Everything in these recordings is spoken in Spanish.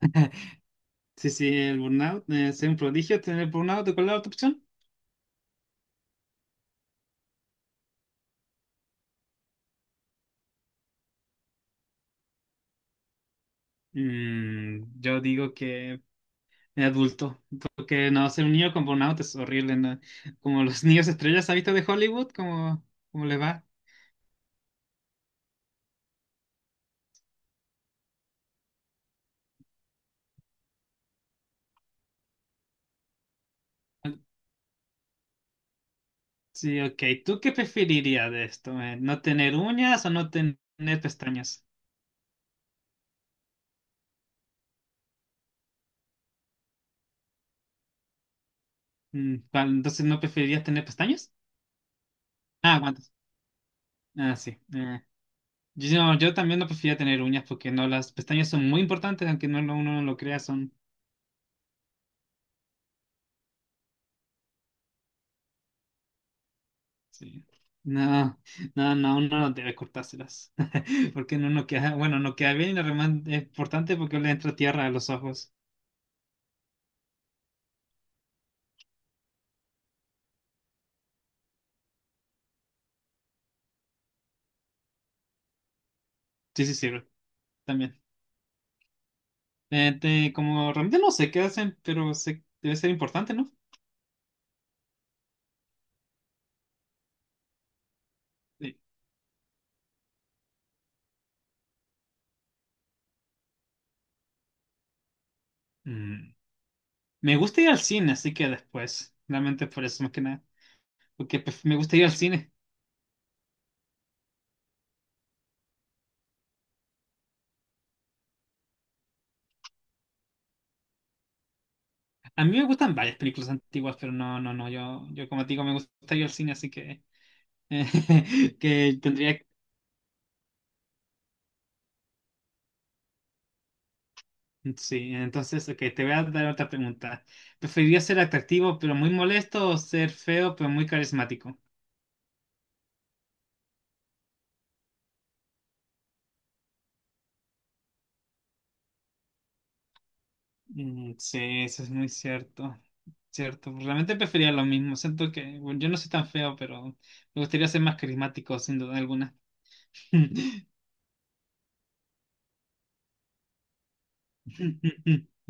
Sí, sí, el burnout, ser un prodigio, tener burnout, ¿cuál es la otra opción? Mm, yo digo que el adulto, porque no, ser un niño con burnout es horrible, ¿no? Como los niños estrellas, ¿has visto de Hollywood? ¿Cómo, cómo le va? Sí, ok, ¿tú qué preferirías de esto? ¿Eh? ¿No tener uñas o no tener pestañas? Mm, ¿cuál? Entonces, ¿no preferirías tener pestañas? Ah, ¿cuántas? Ah, sí. Yo también no prefería tener uñas porque no, las pestañas son muy importantes, aunque uno no lo crea, son. Sí. No, no, no, uno no debe cortárselas. Porque no nos queda, bueno, no queda bien y además es importante porque le entra tierra a los ojos. Sí, sí, sirve también. Como realmente no sé qué hacen, pero debe ser importante, ¿no? Sí. Mm. Me gusta ir al cine, así que después. Realmente por eso más que nada. Porque pues, me gusta ir al cine. A mí me gustan varias películas antiguas, pero no, no, no. Yo como te digo, me gusta ir al cine, así que, que tendría. Sí, entonces, ok, te voy a dar otra pregunta. ¿Preferirías ser atractivo pero muy molesto o ser feo pero muy carismático? Mm, sí, eso es muy cierto. Cierto, realmente prefería lo mismo. Siento que, bueno, yo no soy tan feo, pero me gustaría ser más carismático, sin duda alguna.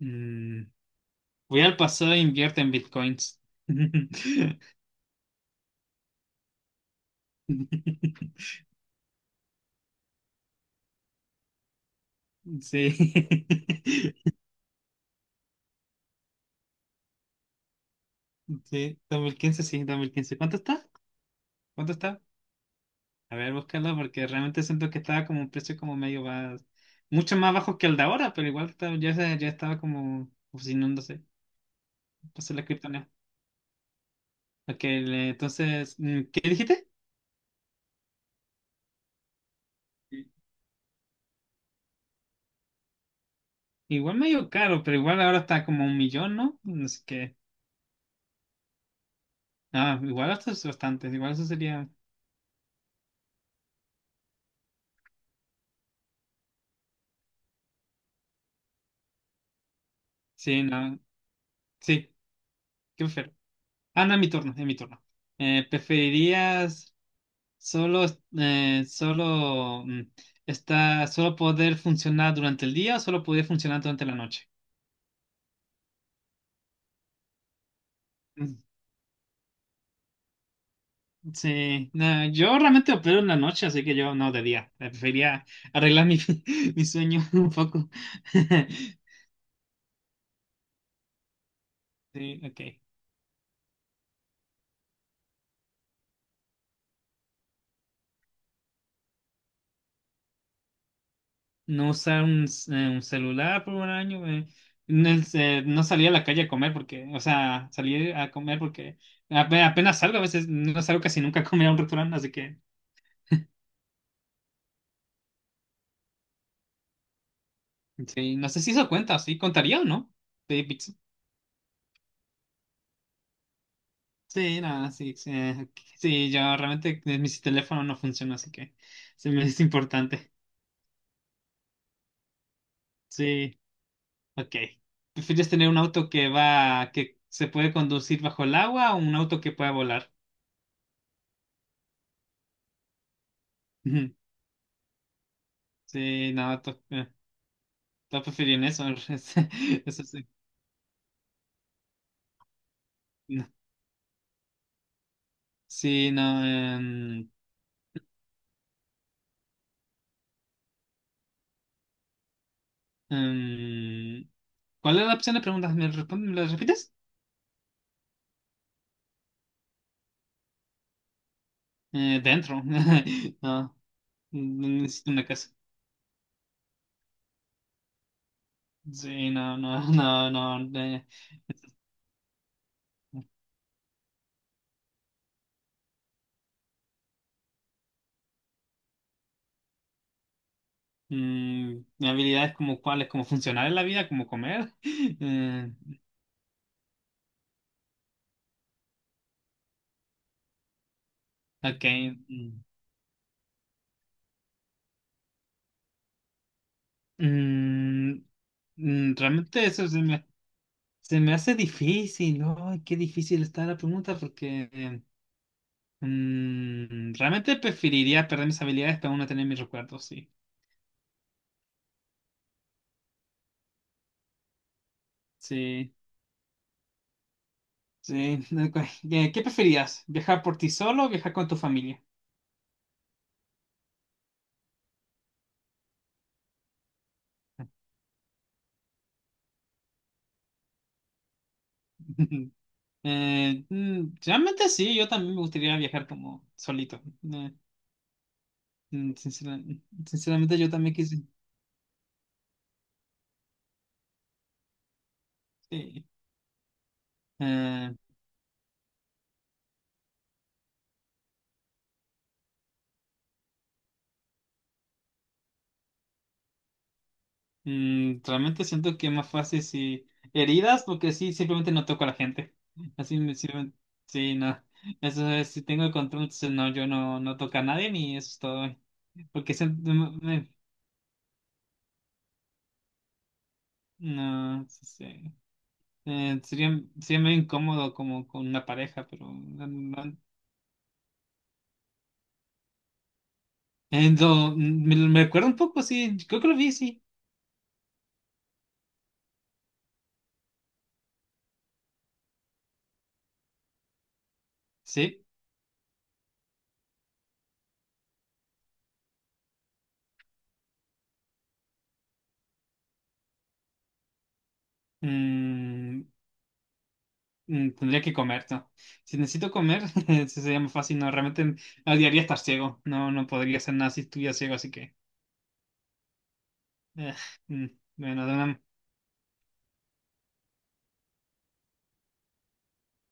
Mm, voy al pasado e invierto en bitcoins. Sí. Sí, 2015, sí, 2015. ¿Cuánto está? ¿Cuánto está? A ver, búscalo porque realmente siento que estaba como un precio como medio más, mucho más bajo que el de ahora, pero ya, ya estaba como obsidiándose. Entonces la criptonea. Ok, entonces, mm, ¿qué dijiste? Sí. Igual medio caro, pero igual ahora está como un millón, ¿no? Así que, ah, igual esto es bastante, igual eso sería, sí, no, sí, qué prefiero. Ah, no, es mi turno, es mi turno. ¿Preferirías solo, eh, solo mm, solo poder funcionar durante el día o solo poder funcionar durante la noche? Mm, sí, no, yo realmente opero en la noche, así que yo no de día. Prefería arreglar mi, mi sueño un poco. Sí, ok. No usar un celular por un año. No salí a la calle a comer porque, o sea, salí a comer porque apenas salgo, a veces no salgo casi nunca a comer a un restaurante, así que. Sí, no sé si eso cuenta, sí, contaría o no. Sí, pizza. Sí, no, sí, sí, sí, yo realmente mi teléfono no funciona, así que se me es importante. Sí, ok. ¿Prefieres tener un auto que va, que se puede conducir bajo el agua o un auto que pueda volar? Ujú. Sí, no, todos prefieren eso, eso sí. No. Sí, no. Em, ¿cuál es la opción de preguntas? ¿Me, me la repites? Dentro. No. No necesito una casa. Sí, no, no, no, no. Mm, mi habilidad es como cuál, es como funcionar en la vida, como comer. Eh, ok. mm, mm, realmente eso se me hace difícil, ¿no? Ay, qué difícil está la pregunta porque realmente preferiría perder mis habilidades para no tener mis recuerdos, sí. Sí, sí. Ok. ¿Qué preferirías? ¿Viajar por ti solo o viajar con tu familia? Mm, realmente sí, yo también me gustaría viajar como solito. Eh, mm, sincera- sinceramente yo también quise. Sí. Eh, realmente siento que es más fácil si heridas, porque sí, simplemente no toco a la gente. Así me sirven. Sí, no. Eso es, si tengo el control, entonces no, yo no, no toco a nadie ni eso es todo. Porque se- me- me- no, sí, sí. Sería medio incómodo como con una pareja, pero no, no. No, me, me acuerdo un poco, sí. Creo que lo vi, sí. Sí. Mm, tendría que comer, ¿no? Si necesito comer, eso sería más fácil. No, realmente odiaría estar ciego. No, no podría hacer nada si estuviera ciego, así que. eh, mm, bueno,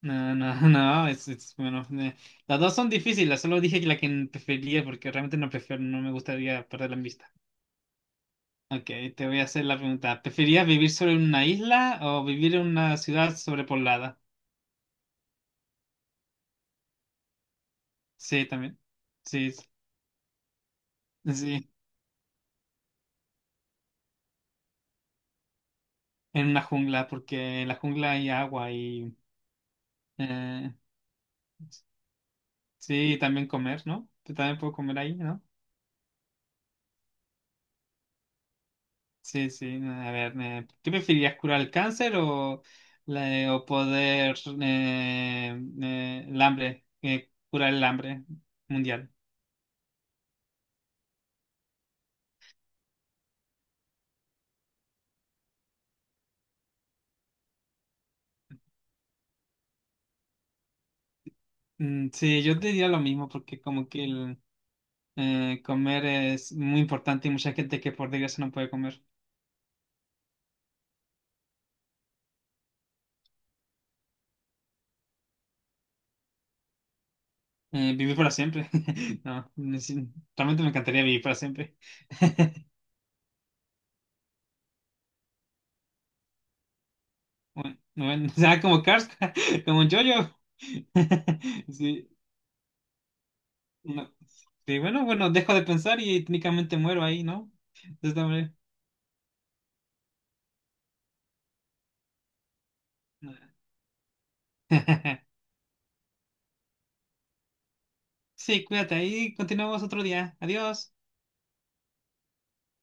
no, no, no, es- bueno, las dos son difíciles, solo dije que la que prefería porque realmente no prefiero, no me gustaría perderla en vista. Ok, te voy a hacer la pregunta. ¿Preferías vivir sobre una isla o vivir en una ciudad sobrepoblada? Sí, también. Sí, sí, en una jungla, porque en la jungla hay agua y eh, sí, también comer, ¿no? Yo también puedo comer ahí, ¿no? Sí, sí, a ver, ¿qué preferirías, curar el cáncer o, la- o poder curar el hambre mundial? Mm, sí, yo te diría lo mismo, porque como que el comer es muy importante y mucha gente que por desgracia no puede comer. Vivir para siempre. No, sí, realmente me encantaría vivir para siempre. Bueno, bueno, o sea, como Cars, como un yoyo. Sí, no. Sí, bueno, bueno, dejo de pensar y técnicamente muero ahí, ¿no? De esta manera. Sí, cuídate ahí, continuamos otro día. Adiós.